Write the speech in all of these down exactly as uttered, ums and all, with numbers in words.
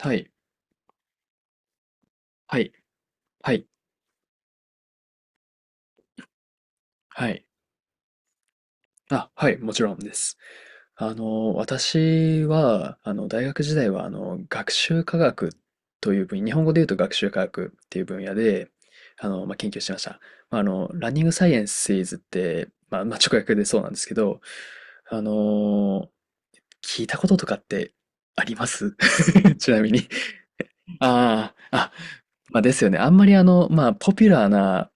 はい。はい。はい。はい。あ、はい、もちろんです。あの、私は、あの、大学時代は、あの、学習科学という分野、日本語で言うと学習科学っていう分野で、あの、まあ、研究してました。まあ、あの、ランニングサイエンスイズって、まあ、まあ、直訳でそうなんですけど、あの、聞いたこととかってあります？ ちなみに。ああ、あ、まあですよね。あんまりあの、まあ、ポピュラーな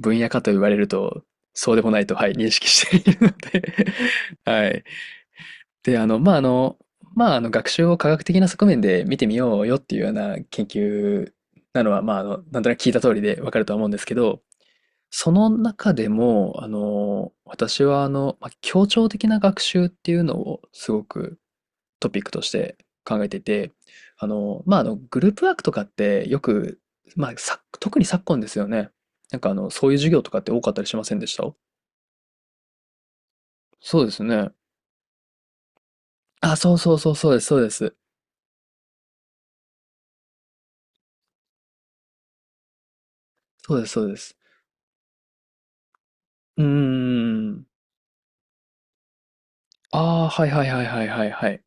分野かと言われると、そうでもないと、はい、認識しているので。 はい。で、あの、まあ、あの、まあ、あの、学習を科学的な側面で見てみようよっていうような研究なのは、まあ、あの、なんとなく聞いた通りでわかるとは思うんですけど、その中でも、あの、私はあの、まあ、協調的な学習っていうのをすごくトピックとして考えていて、あの、まあ、あの、グループワークとかってよく、まあ、さ、特に昨今ですよね。なんかあの、そういう授業とかって多かったりしませんでした？そうですね。あ、そうそうそうそうです、そうです。そうです、そうです。うーん。ああ、はいはいはいはいはいはい。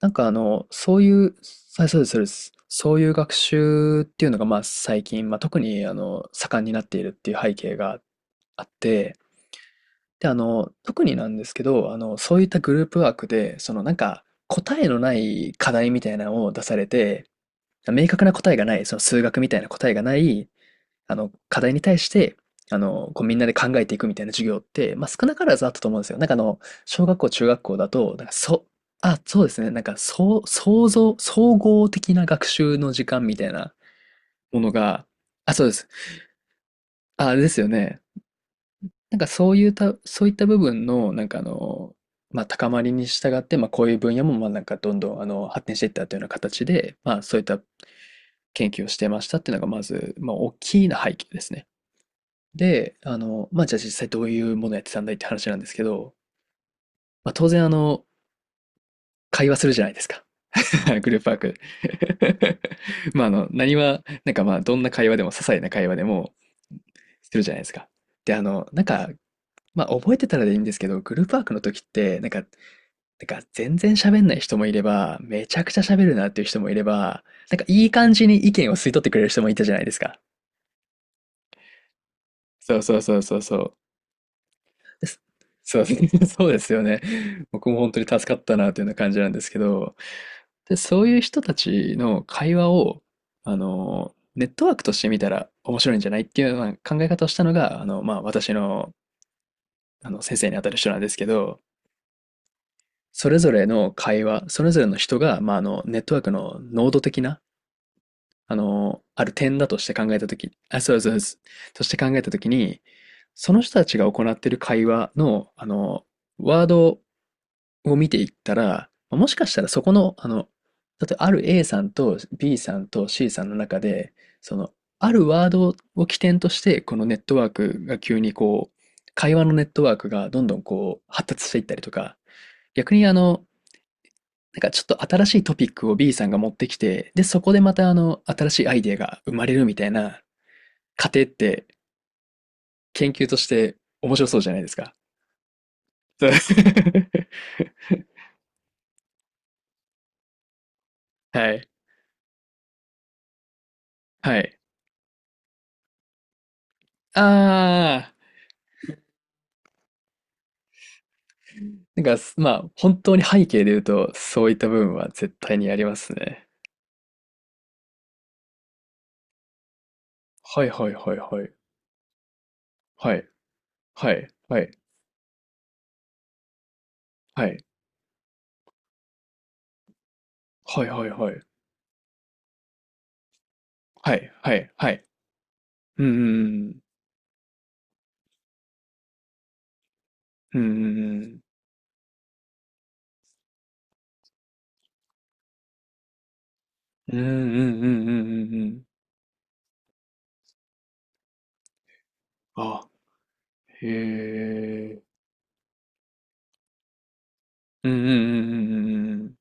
なんかあの、そういう、はい、そうです、そうです。そういう学習っていうのが、まあ、最近、まあ、特に、あの、盛んになっているっていう背景があって、で、あの、特になんですけど、あの、そういったグループワークで、その、なんか、答えのない課題みたいなのを出されて、明確な答えがない、その数学みたいな答えがない、あの、課題に対して、あの、こうみんなで考えていくみたいな授業って、まあ、少なからずあったと思うんですよ。なんかあの、小学校、中学校だと、なんかそ、あ、そうですね。なんか、そう、想像、総合的な学習の時間みたいなものが、あ、そうです。あ、あれですよね。なんかそういうた、そういった部分の、なんかあの、まあ、高まりに従って、まあ、こういう分野も、まあ、なんかどんどん、あの、発展していったというような形で、まあ、そういった研究をしてましたっていうのが、まず、まあ、大きな背景ですね。で、あの、まあ、じゃあ実際どういうものやってたんだいって話なんですけど、まあ、当然、あの、会話するじゃないですか。グループワーク。まあ、あの、何は、なんかまあ、どんな会話でも、些細な会話でも、するじゃないですか。で、あの、なんか、まあ、覚えてたらでいいんですけど、グループワークの時って、なんか、てか全然喋んない人もいれば、めちゃくちゃ喋るなっていう人もいれば、なんかいい感じに意見を吸い取ってくれる人もいたじゃないですか。そうそうそうそうそう。です。そう、そうですよね。僕も本当に助かったなというような感じなんですけど、で、そういう人たちの会話を、あの、ネットワークとして見たら面白いんじゃないっていうような考え方をしたのが、あの、まあ、私の、あの、先生にあたる人なんですけど、それぞれの会話、それぞれの人が、まあ、あの、ネットワークの濃度的なあの、ある点だとして考えたとき、あ、そうそうそう、として考えたときに、その人たちが行っている会話の、あの、ワードを見ていったら、もしかしたらそこの、あの、だってある A さんと B さんと C さんの中で、その、あるワードを起点として、このネットワークが急にこう、会話のネットワークがどんどんこう、発達していったりとか、逆にあの、なんかちょっと新しいトピックを B さんが持ってきて、で、そこでまたあの、新しいアイデアが生まれるみたいな過程って研究として面白そうじゃないですか。そう。 はい。はい。あー、なんか、まあ、本当に背景で言うと、そういった部分は絶対にありますね。はいはいはいはい。はい、はい、はい、はい、はい、はい、はい、はい、はい、はい。うんうんうん、うんうんうん、うんうんうんうんうんうんうんうんうんうん。あ、へえ。うんうんうんうんうんうん。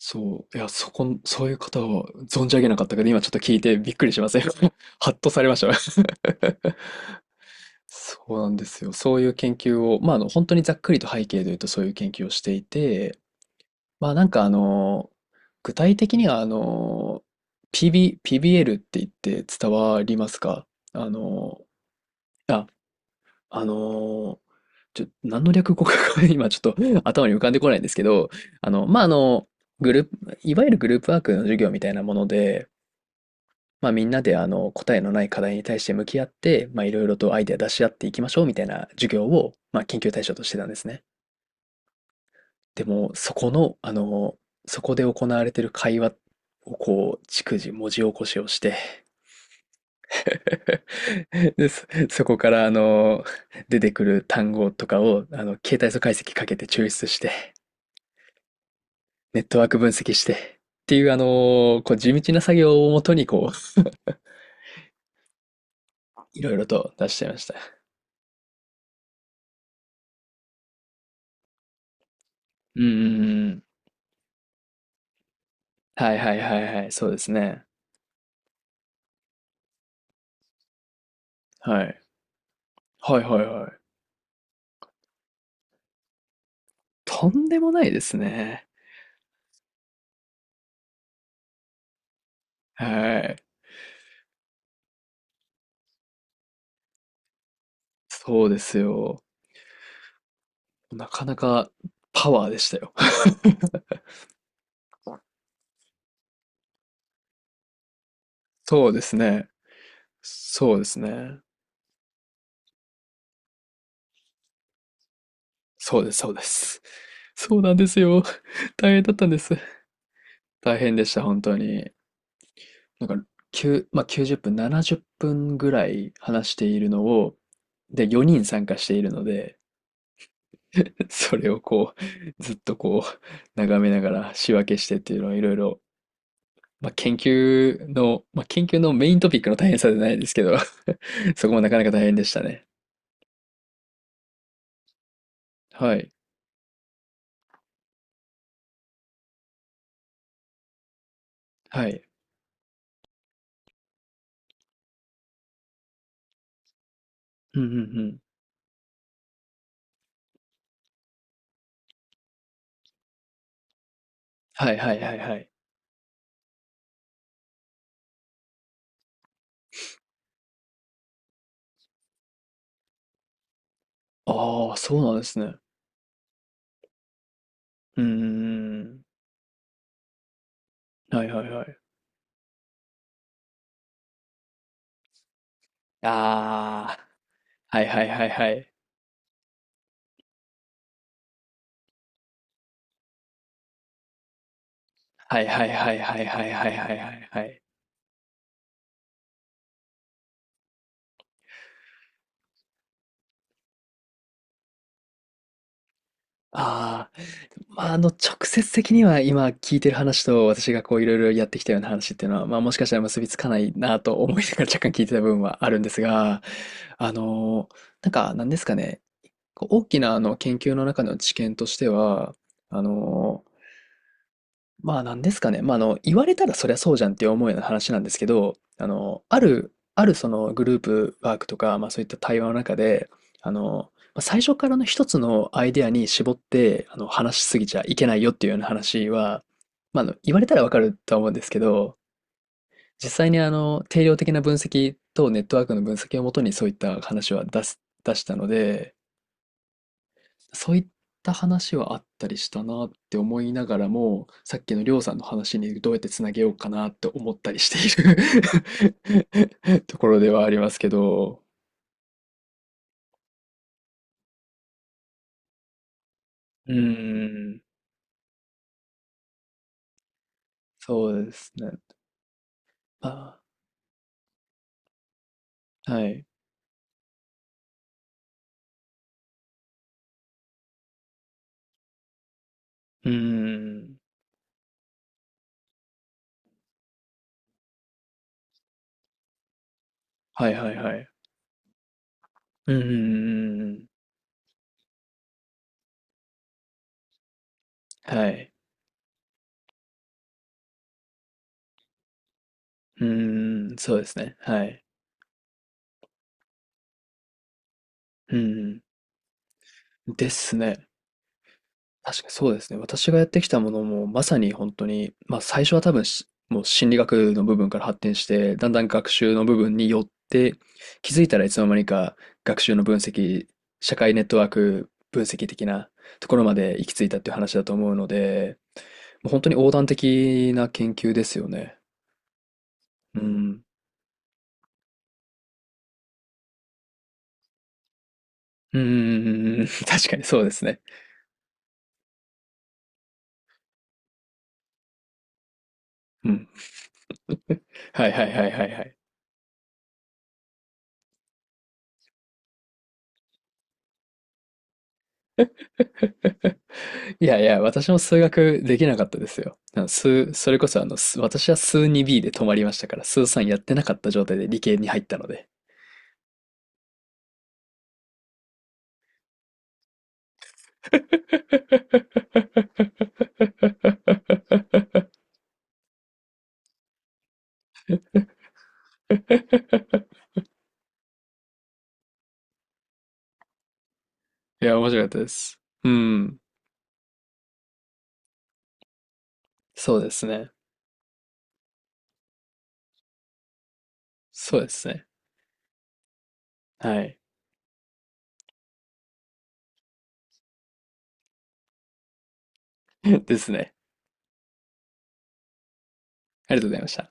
そう。いや、そこん、そういう方を存じ上げなかったけど、今ちょっと聞いてびっくりしません？ ハッとされました。 そうなんですよ。そういう研究を、まあ、あの、本当にざっくりと背景で言うとそういう研究をしていて、まあ、なんかあの、具体的にはあの、p ビ ピービーエル って言って伝わりますか？あの、あ、あの、ちょ、何の略語か 今ちょっと頭に浮かんでこないんですけど、あの、まあ、あの、グループ、いわゆるグループワークの授業みたいなもので、まあ、みんなであの、答えのない課題に対して向き合って、まあ、いろいろとアイデア出し合っていきましょうみたいな授業を、まあ、研究対象としてたんですね。でも、そこの、あの、そこで行われている会話をこう、逐次文字起こしをして、で、そ、そこから、あの、出てくる単語とかを、あの、形態素解析かけて抽出して、ネットワーク分析して、っていう、あの、こう、地道な作業をもとに、こう、いろいろと出しちゃいました。うんうんうん。はいはいはいはい、そうですね。はい。はいはいはい。とんでもないですね。はい。そうですよ。なかなかパワーでしたよ。そうですね。そうですね。そうです、そうです。そうなんですよ。大変だったんです。大変でした、本当に。なんか、きゅう、まあ、きゅうじゅっぷん、ななじゅっぷんぐらい話しているのを、で、よにん参加しているので、それをこう、ずっとこう、眺めながら仕分けしてっていうのをいろいろ、まあ、研究の、まあ、研究のメイントピックの大変さじゃないですけど そこもなかなか大変でしたね。はい。はい。うんうんうん。はいはいはいはい。ああ、そうなんですね。うーん。はいはいはい。ああ。はいはいはいはい。はいはいはいはいはいはいはいはいはい。ああ、まあ、あの、直接的には今聞いてる話と私がこういろいろやってきたような話っていうのは、まあもしかしたら結びつかないなと思いながら若干聞いてた部分はあるんですが、あの、なんか、なんですかね、こう大きなあの研究の中の知見としては、あの、まあ、なんですかね。まあ、あの、言われたらそりゃそうじゃんって思うような話なんですけど、あの、ある、あるそのグループワークとか、まあそういった対話の中で、あの、まあ最初からの一つのアイデアに絞って、あの、話しすぎちゃいけないよっていうような話は、まあ、あの、言われたらわかるとは思うんですけど、実際にあの、定量的な分析とネットワークの分析をもとにそういった話は出す、出したので、そういった話はあったりしたなって思いながらも、さっきのりょうさんの話にどうやってつなげようかなって思ったりしている ところではありますけど、うーん、そうですね。あ、はい。うーん、はいはいはい。うんうんうんうん。はい。うーん、そうですね。はい。ううん。ですね。確かにそうですね。私がやってきたものも、まさに本当に、ま、最初は多分、しもう心理学の部分から発展して、だんだん学習の部分に寄って、気づいたらいつの間にか学習の分析、社会ネットワーク分析的なところまで行き着いたっていう話だと思うので、もう本当に横断的な研究ですよね。うん。うんうんうんうんうん。 確かにそうですね。うん。はいはいはいはいはい。いやいや、私も数学できなかったですよ。あの数、それこそあの、数私は数 にビー で止まりましたから、数さんやってなかった状態で理系に入ったので。いや、面白かったです。うん。そうですね。そうですね。はい。ですね。ありがとうございました。